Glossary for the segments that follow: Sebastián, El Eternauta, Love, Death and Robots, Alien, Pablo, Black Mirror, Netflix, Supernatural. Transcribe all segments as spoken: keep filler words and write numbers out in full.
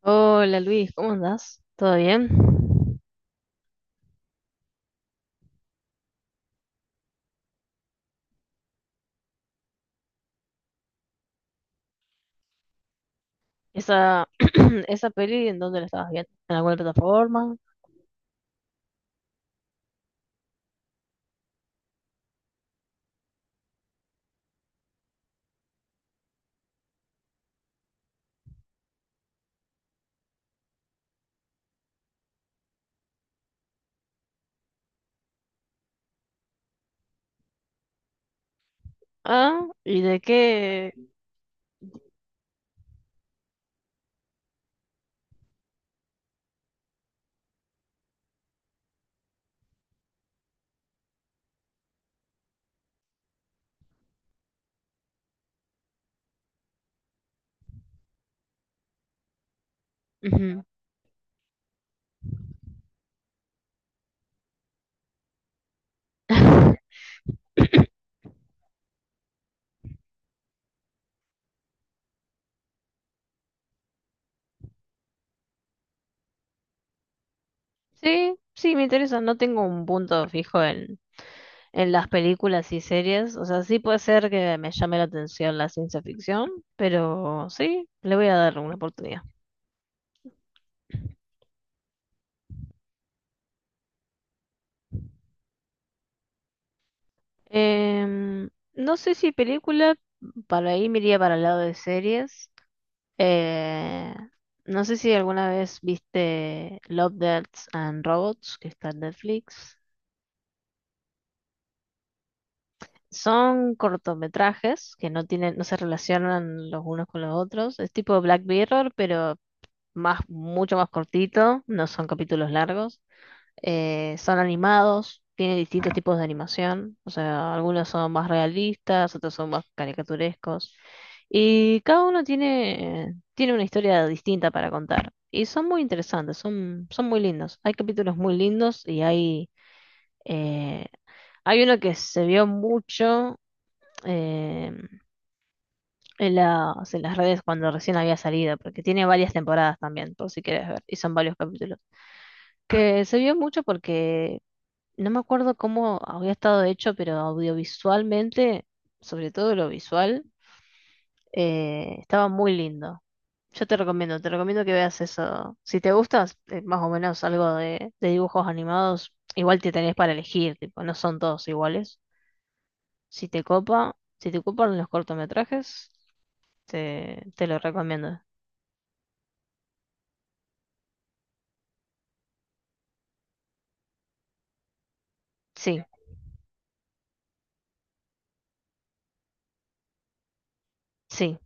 Hola Luis, ¿cómo andás? ¿Todo bien? Esa, esa peli, ¿en dónde la estabas viendo? ¿En alguna plataforma? Ah, ¿y de qué? Ujú. Sí, sí, me interesa. No tengo un punto fijo en, en las películas y series. O sea, sí puede ser que me llame la atención la ciencia ficción, pero sí, le voy a dar una oportunidad. Em, no sé si película, para ahí me iría para el lado de series. Eh, no sé si alguna vez viste Love, Death and Robots, que está en Netflix. Son cortometrajes que no tienen, no se relacionan los unos con los otros. Es tipo Black Mirror, pero más, mucho más cortito, no son capítulos largos. Eh, son animados, tienen distintos tipos de animación, o sea, algunos son más realistas, otros son más caricaturescos, y cada uno tiene, tiene una historia distinta para contar. Y son muy interesantes, son, son muy lindos. Hay capítulos muy lindos y hay, eh, hay uno que se vio mucho eh, en las, en las redes cuando recién había salido, porque tiene varias temporadas también, por si quieres ver, y son varios capítulos. Que se vio mucho porque no me acuerdo cómo había estado hecho, pero audiovisualmente, sobre todo lo visual, eh, estaba muy lindo. Yo te recomiendo, te recomiendo que veas eso. Si te gustas, eh, más o menos algo de, de dibujos animados, igual te tenés para elegir, tipo, no son todos iguales. Si te copa, si te copan los cortometrajes, te, te lo recomiendo. Sí, sí.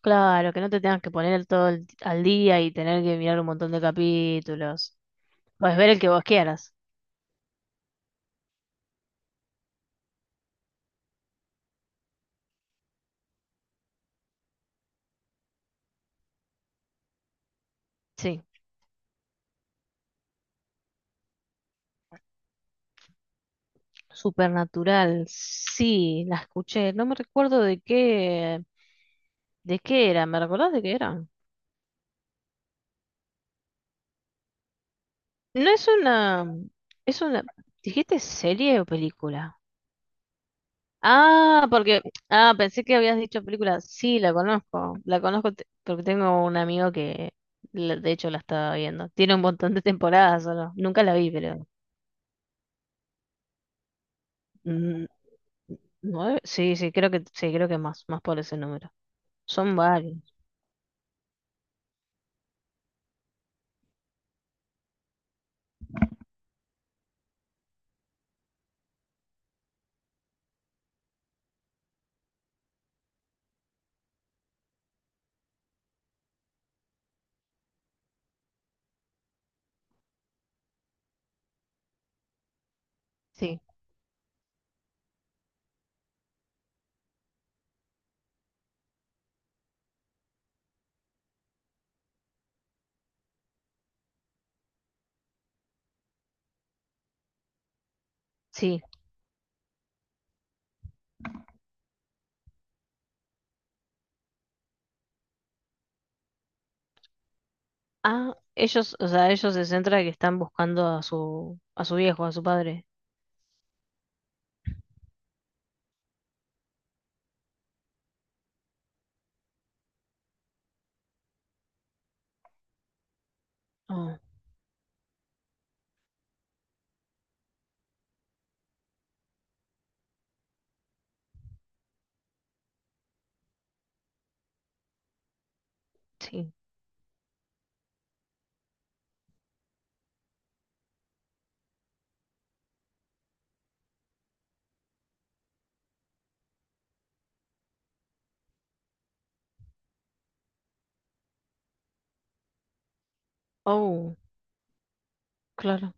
Claro, que no te tengas que poner el todo el- al día y tener que mirar un montón de capítulos. Puedes ver el que vos quieras. Sí. Supernatural, sí, la escuché. No me recuerdo de qué, de qué era. ¿Me recordás de qué era? No es una, es una, ¿dijiste serie o película? Ah, porque, ah, pensé que habías dicho película. Sí, la conozco, la conozco te- porque tengo un amigo que, la- de hecho, la estaba viendo. Tiene un montón de temporadas solo. Nunca la vi, pero mm, nueve, sí, sí, creo que, sí, creo que más, más por ese número. Son varios. Sí, sí. Ah, ellos, o sea, ellos se centran que están buscando a su, a su viejo, a su padre. Oh, sí. Oh, claro.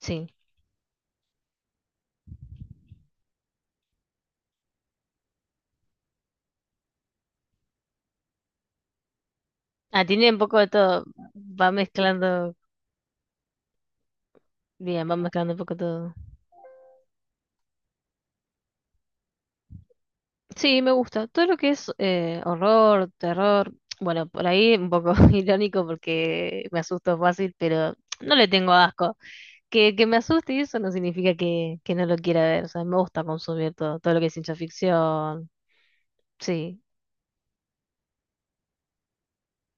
Sí. Ah, tiene un poco de todo. Va mezclando, bien, va mezclando un poco todo. Sí, me gusta. Todo lo que es eh, horror, terror. Bueno, por ahí un poco irónico porque me asusto fácil, pero no le tengo asco. Que, que me asuste y eso no significa que, que no lo quiera ver. O sea, me gusta consumir todo, todo lo que es ciencia ficción. Sí,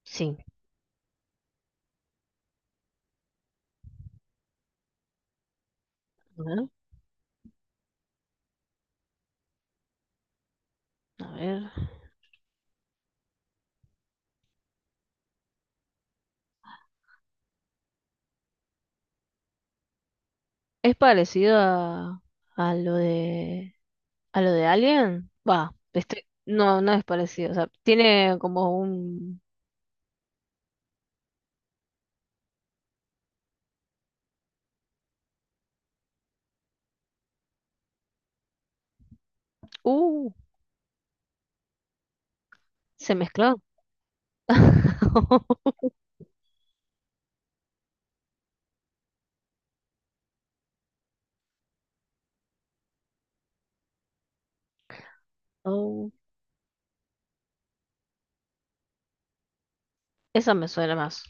sí. A ver. ¿Es parecido a, a lo de a lo de Alien? Va, este, no, no es parecido. O sea, tiene como un uh, se mezcló. Oh, esa me suena más.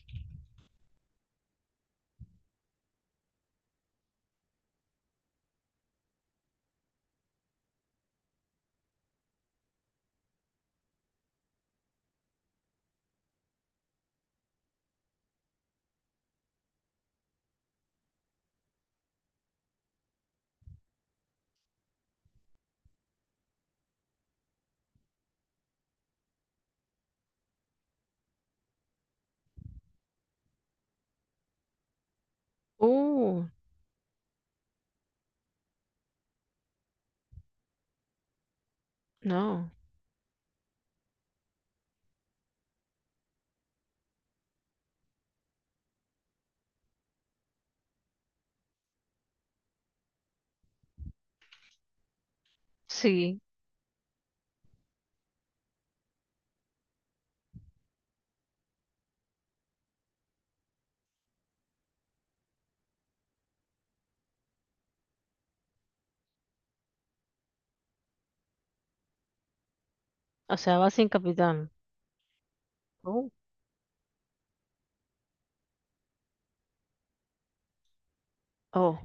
Uh, no. Sí. O sea, va sin capitán. Oh, oh.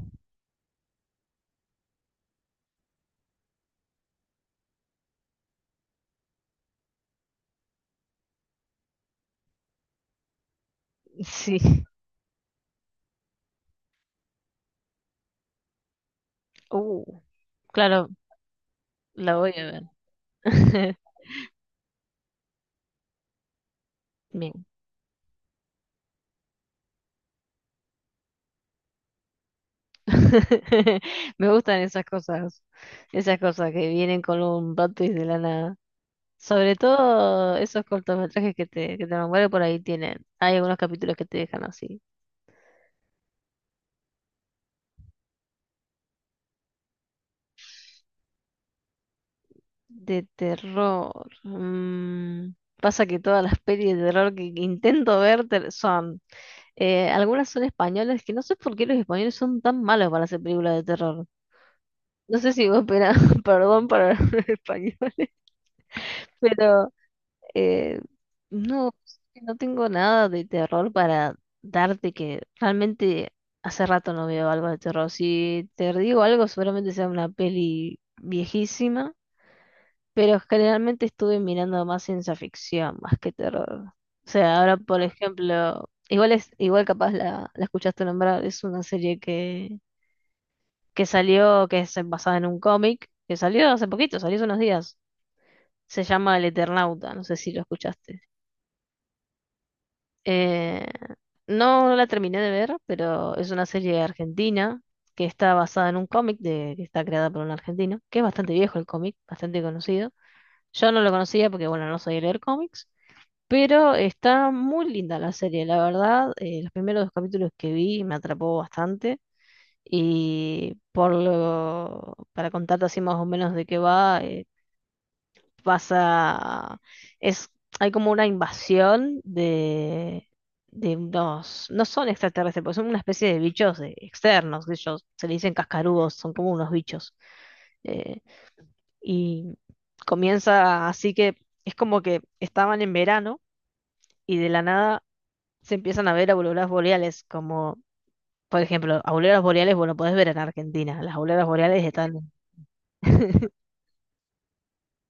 Sí. Uh. Claro, la voy a ver. Bien. Me gustan esas cosas. Esas cosas que vienen con un plot twist de lana. Sobre todo esos cortometrajes que te, que te nombré por ahí tienen. Hay algunos capítulos que te dejan así. De terror. mm, Pasa que todas las pelis de terror que intento ver te- son. Eh, algunas son españolas, que no sé por qué los españoles son tan malos para hacer películas de terror. No sé si vos, pena- perdón para los españoles, pero Eh, no, no tengo nada de terror para darte que realmente hace rato no veo algo de terror. Si te digo algo, seguramente sea una peli viejísima, pero generalmente estuve mirando más ciencia ficción, más que terror. O sea, ahora por ejemplo, igual es, igual capaz la, la escuchaste nombrar, es una serie que, que salió, que es basada en un cómic, que salió hace poquito, salió hace unos días. Se llama El Eternauta, no sé si lo escuchaste. Eh, no la terminé de ver, pero es una serie argentina que está basada en un cómic de, que está creada por un argentino, que es bastante viejo el cómic, bastante conocido. Yo no lo conocía porque, bueno, no soy de leer cómics, pero está muy linda la serie, la verdad. Eh, los primeros dos capítulos que vi me atrapó bastante y por lo, para contarte así más o menos de qué va, pasa, es, hay como una invasión de, de unos, no son extraterrestres, porque son una especie de bichos eh, externos, de ellos se le dicen cascarudos, son como unos bichos. eh, y comienza así que es como que estaban en verano y de la nada se empiezan a ver auroras boreales, como por ejemplo, auroras boreales, bueno, podés ver en Argentina, las auroras boreales están...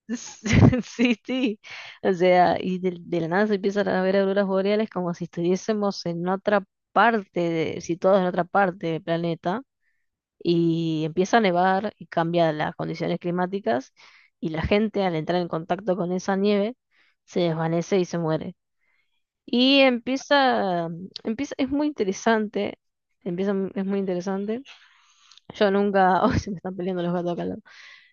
Sí, sí. O sea, y de, de la nada se empiezan a ver auroras boreales como si estuviésemos en otra parte, de- situados en otra parte del planeta, y empieza a nevar y cambia las condiciones climáticas, y la gente al entrar en contacto con esa nieve se desvanece y se muere. Y empieza, empieza, es muy interesante, empieza, es muy interesante. Yo nunca, hoy se me están peleando los gatos acá.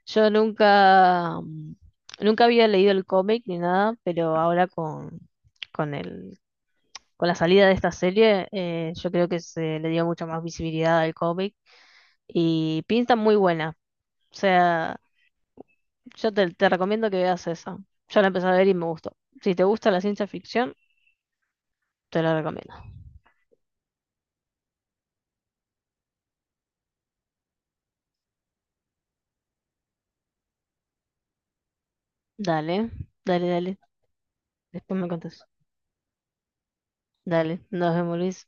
Yo nunca, mm, nunca había leído el cómic ni nada, pero ahora con, con el, con la salida de esta serie, eh, yo creo que se le dio mucha más visibilidad al cómic y pinta muy buena. O sea, yo te, te recomiendo que veas esa. Yo la empecé a ver y me gustó. Si te gusta la ciencia ficción, te la recomiendo. Dale, dale, dale. Después me contás. Dale, nos vemos, Luis.